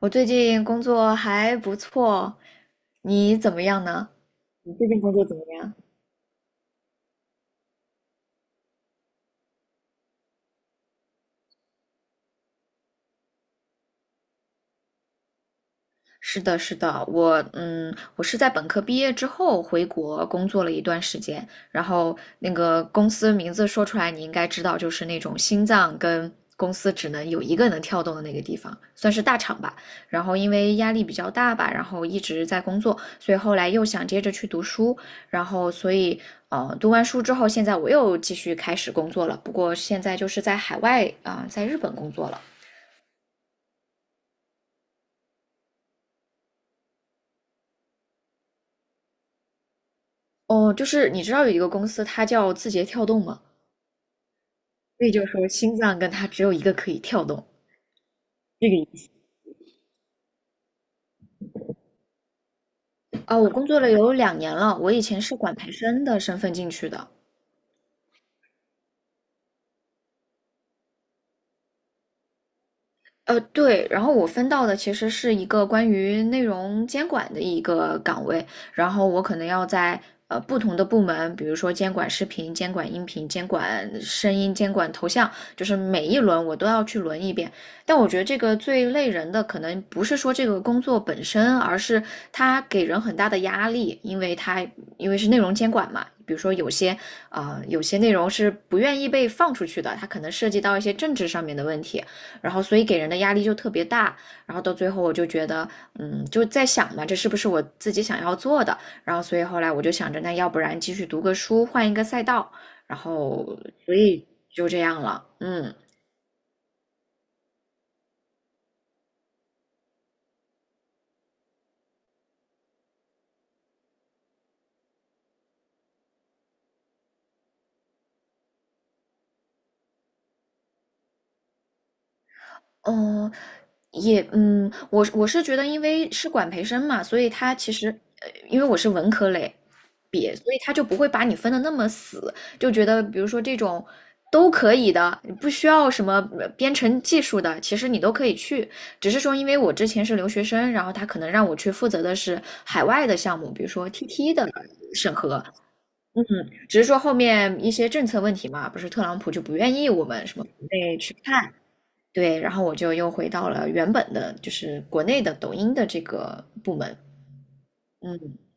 我最近工作还不错，你怎么样呢？你最近工作怎么样？是的，是的，我是在本科毕业之后回国工作了一段时间，然后那个公司名字说出来你应该知道，就是那种心脏跟公司只能有一个能跳动的那个地方，算是大厂吧。然后因为压力比较大吧，然后一直在工作，所以后来又想接着去读书，然后所以读完书之后，现在我又继续开始工作了，不过现在就是在海外啊，在日本工作了。哦，就是你知道有一个公司，它叫字节跳动吗？所以就说心脏跟它只有一个可以跳动，这个意思啊。我工作了有2年了，我以前是管培生的身份进去的，对，然后我分到的其实是一个关于内容监管的一个岗位，然后我可能要在不同的部门，比如说监管视频、监管音频、监管声音、监管头像，就是每一轮我都要去轮一遍。但我觉得这个最累人的，可能不是说这个工作本身，而是它给人很大的压力，因为是内容监管嘛。比如说有些，啊有些内容是不愿意被放出去的，它可能涉及到一些政治上面的问题，然后所以给人的压力就特别大，然后到最后我就觉得，嗯，就在想嘛，这是不是我自己想要做的？然后所以后来我就想着，那要不然继续读个书，换一个赛道，然后所以就这样了，嗯。嗯，我是觉得，因为是管培生嘛，所以他其实，因为我是文科类毕业，所以他就不会把你分的那么死，就觉得比如说这种都可以的，你不需要什么编程技术的，其实你都可以去。只是说，因为我之前是留学生，然后他可能让我去负责的是海外的项目，比如说 TT 的审核，嗯，只是说后面一些政策问题嘛，不是特朗普就不愿意我们什么国内去看。对，然后我就又回到了原本的，就是国内的抖音的这个部门。嗯。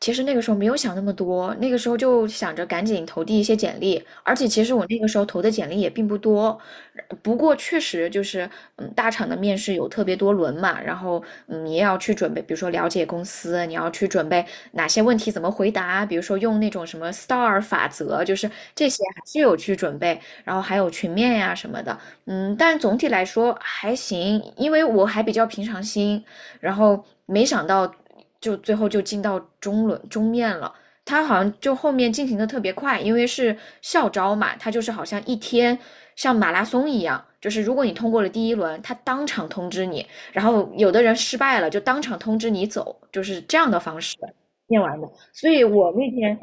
其实那个时候没有想那么多，那个时候就想着赶紧投递一些简历，而且其实我那个时候投的简历也并不多，不过确实就是，嗯，大厂的面试有特别多轮嘛，然后嗯，你也要去准备，比如说了解公司，你要去准备哪些问题怎么回答，比如说用那种什么 STAR 法则，就是这些还是有去准备，然后还有群面呀、什么的，嗯，但总体来说还行，因为我还比较平常心，然后没想到就最后就进到中轮中面了。他好像就后面进行的特别快，因为是校招嘛，他就是好像一天像马拉松一样，就是如果你通过了第一轮，他当场通知你，然后有的人失败了就当场通知你走，就是这样的方式念完的。所以我那天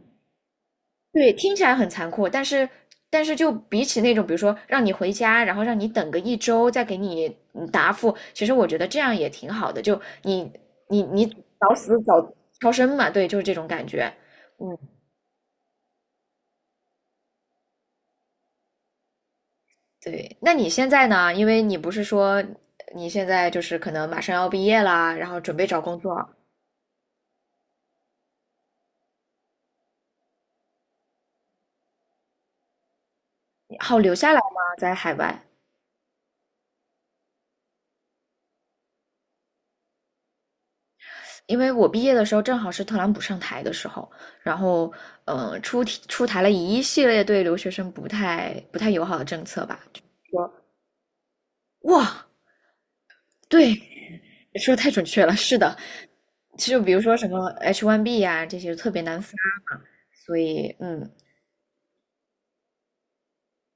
对，听起来很残酷，但是就比起那种，比如说让你回家，然后让你等个1周再给你答复，其实我觉得这样也挺好的，就你你早死早超生嘛，对，就是这种感觉。嗯，对。那你现在呢？因为你不是说你现在就是可能马上要毕业啦，然后准备找工作，好留下来吗？在海外？因为我毕业的时候正好是特朗普上台的时候，然后出题出台了一系列对留学生不太友好的政策吧，就说哇，对，说得太准确了，是的，就比如说什么 H1B 呀、这些特别难发嘛，所以嗯，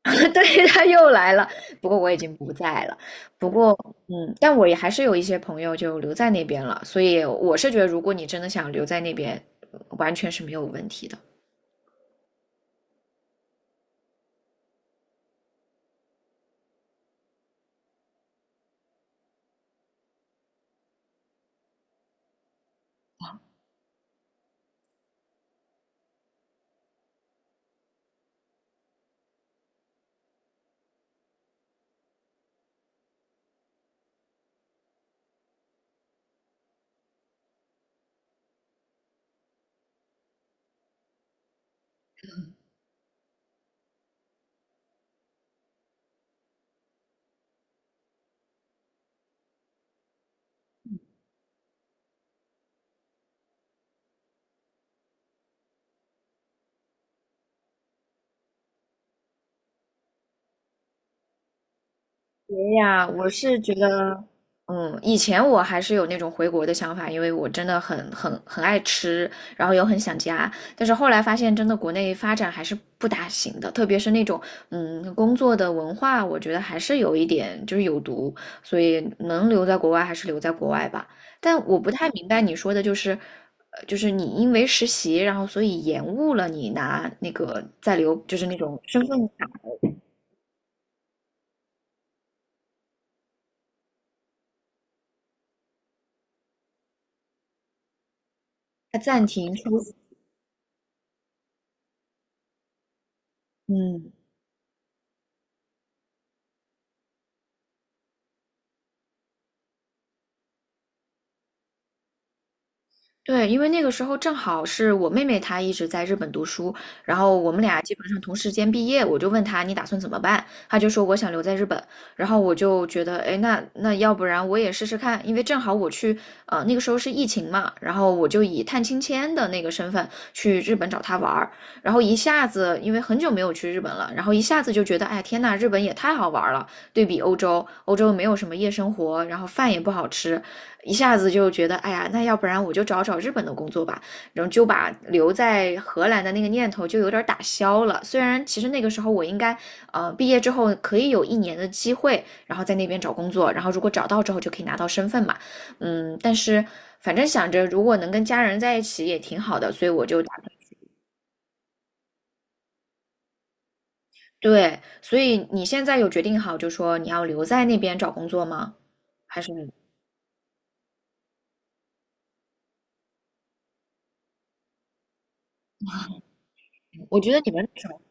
对，他又来了，不过我已经不在了，不过嗯，但我也还是有一些朋友就留在那边了，所以我是觉得如果你真的想留在那边，完全是没有问题的。哎呀，我是觉得，嗯，以前我还是有那种回国的想法，因为我真的很很爱吃，然后又很想家。但是后来发现，真的国内发展还是不大行的，特别是那种，嗯，工作的文化，我觉得还是有一点就是有毒，所以能留在国外还是留在国外吧。但我不太明白你说的就是，就是你因为实习，然后所以延误了你拿那个在留，就是那种身份卡，它暂停出，嗯。对，因为那个时候正好是我妹妹她一直在日本读书，然后我们俩基本上同时间毕业，我就问她你打算怎么办，她就说我想留在日本，然后我就觉得，哎，那要不然我也试试看，因为正好我去，那个时候是疫情嘛，然后我就以探亲签的那个身份去日本找她玩儿，然后一下子因为很久没有去日本了，然后一下子就觉得，哎，天呐，日本也太好玩儿了，对比欧洲，欧洲没有什么夜生活，然后饭也不好吃，一下子就觉得，哎呀，那要不然我就找找日本的工作吧，然后就把留在荷兰的那个念头就有点打消了。虽然其实那个时候我应该，毕业之后可以有1年的机会，然后在那边找工作，然后如果找到之后就可以拿到身份嘛，嗯，但是反正想着如果能跟家人在一起也挺好的，所以我就打算，对，所以你现在有决定好，就说你要留在那边找工作吗？还是我觉得你们找，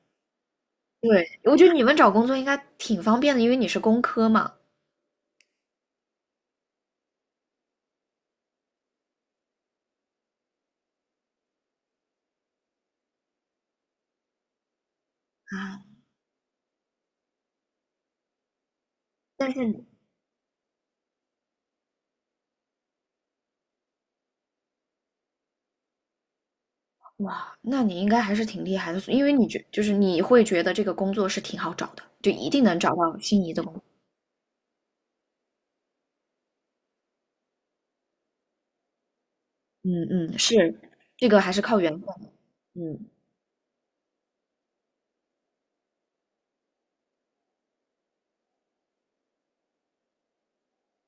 对，我觉得你们找工作应该挺方便的，因为你是工科嘛。啊，但是你哇，那你应该还是挺厉害的，因为你觉就是你会觉得这个工作是挺好找的，就一定能找到心仪的工作。嗯嗯，是，这个还是靠缘分的嗯，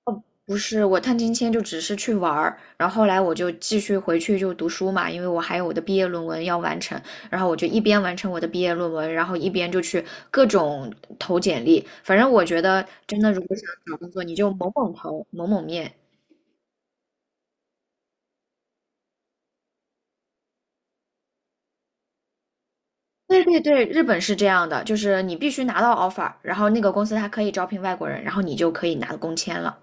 哦，不是，我探亲签就只是去玩儿，然后后来我就继续回去就读书嘛，因为我还有我的毕业论文要完成，然后我就一边完成我的毕业论文，然后一边就去各种投简历。反正我觉得真的，如果想找工作，你就猛猛投，猛猛面，对对对，日本是这样的，就是你必须拿到 offer，然后那个公司它可以招聘外国人，然后你就可以拿工签了。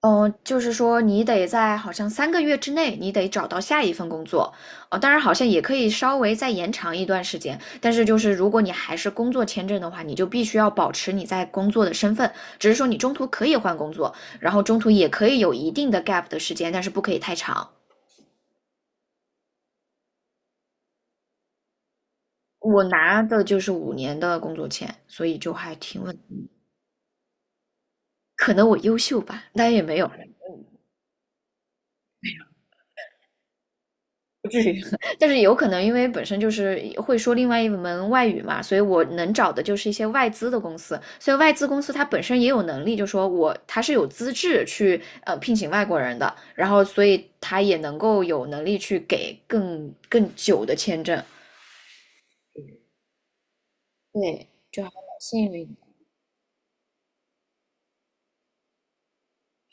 嗯，就是说你得在好像3个月之内，你得找到下一份工作。哦，当然好像也可以稍微再延长一段时间，但是就是如果你还是工作签证的话，你就必须要保持你在工作的身份，只是说你中途可以换工作，然后中途也可以有一定的 gap 的时间，但是不可以太长。我拿的就是5年的工作签，所以就还挺稳。可能我优秀吧，当然也没有，不至于。但是有可能，因为本身就是会说另外一门外语嘛，所以我能找的就是一些外资的公司。所以外资公司它本身也有能力，就说我它是有资质去聘请外国人的，然后所以它也能够有能力去给更久的签证。对，幸运。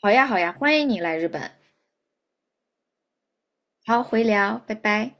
好呀，好呀，欢迎你来日本。好，回聊，拜拜。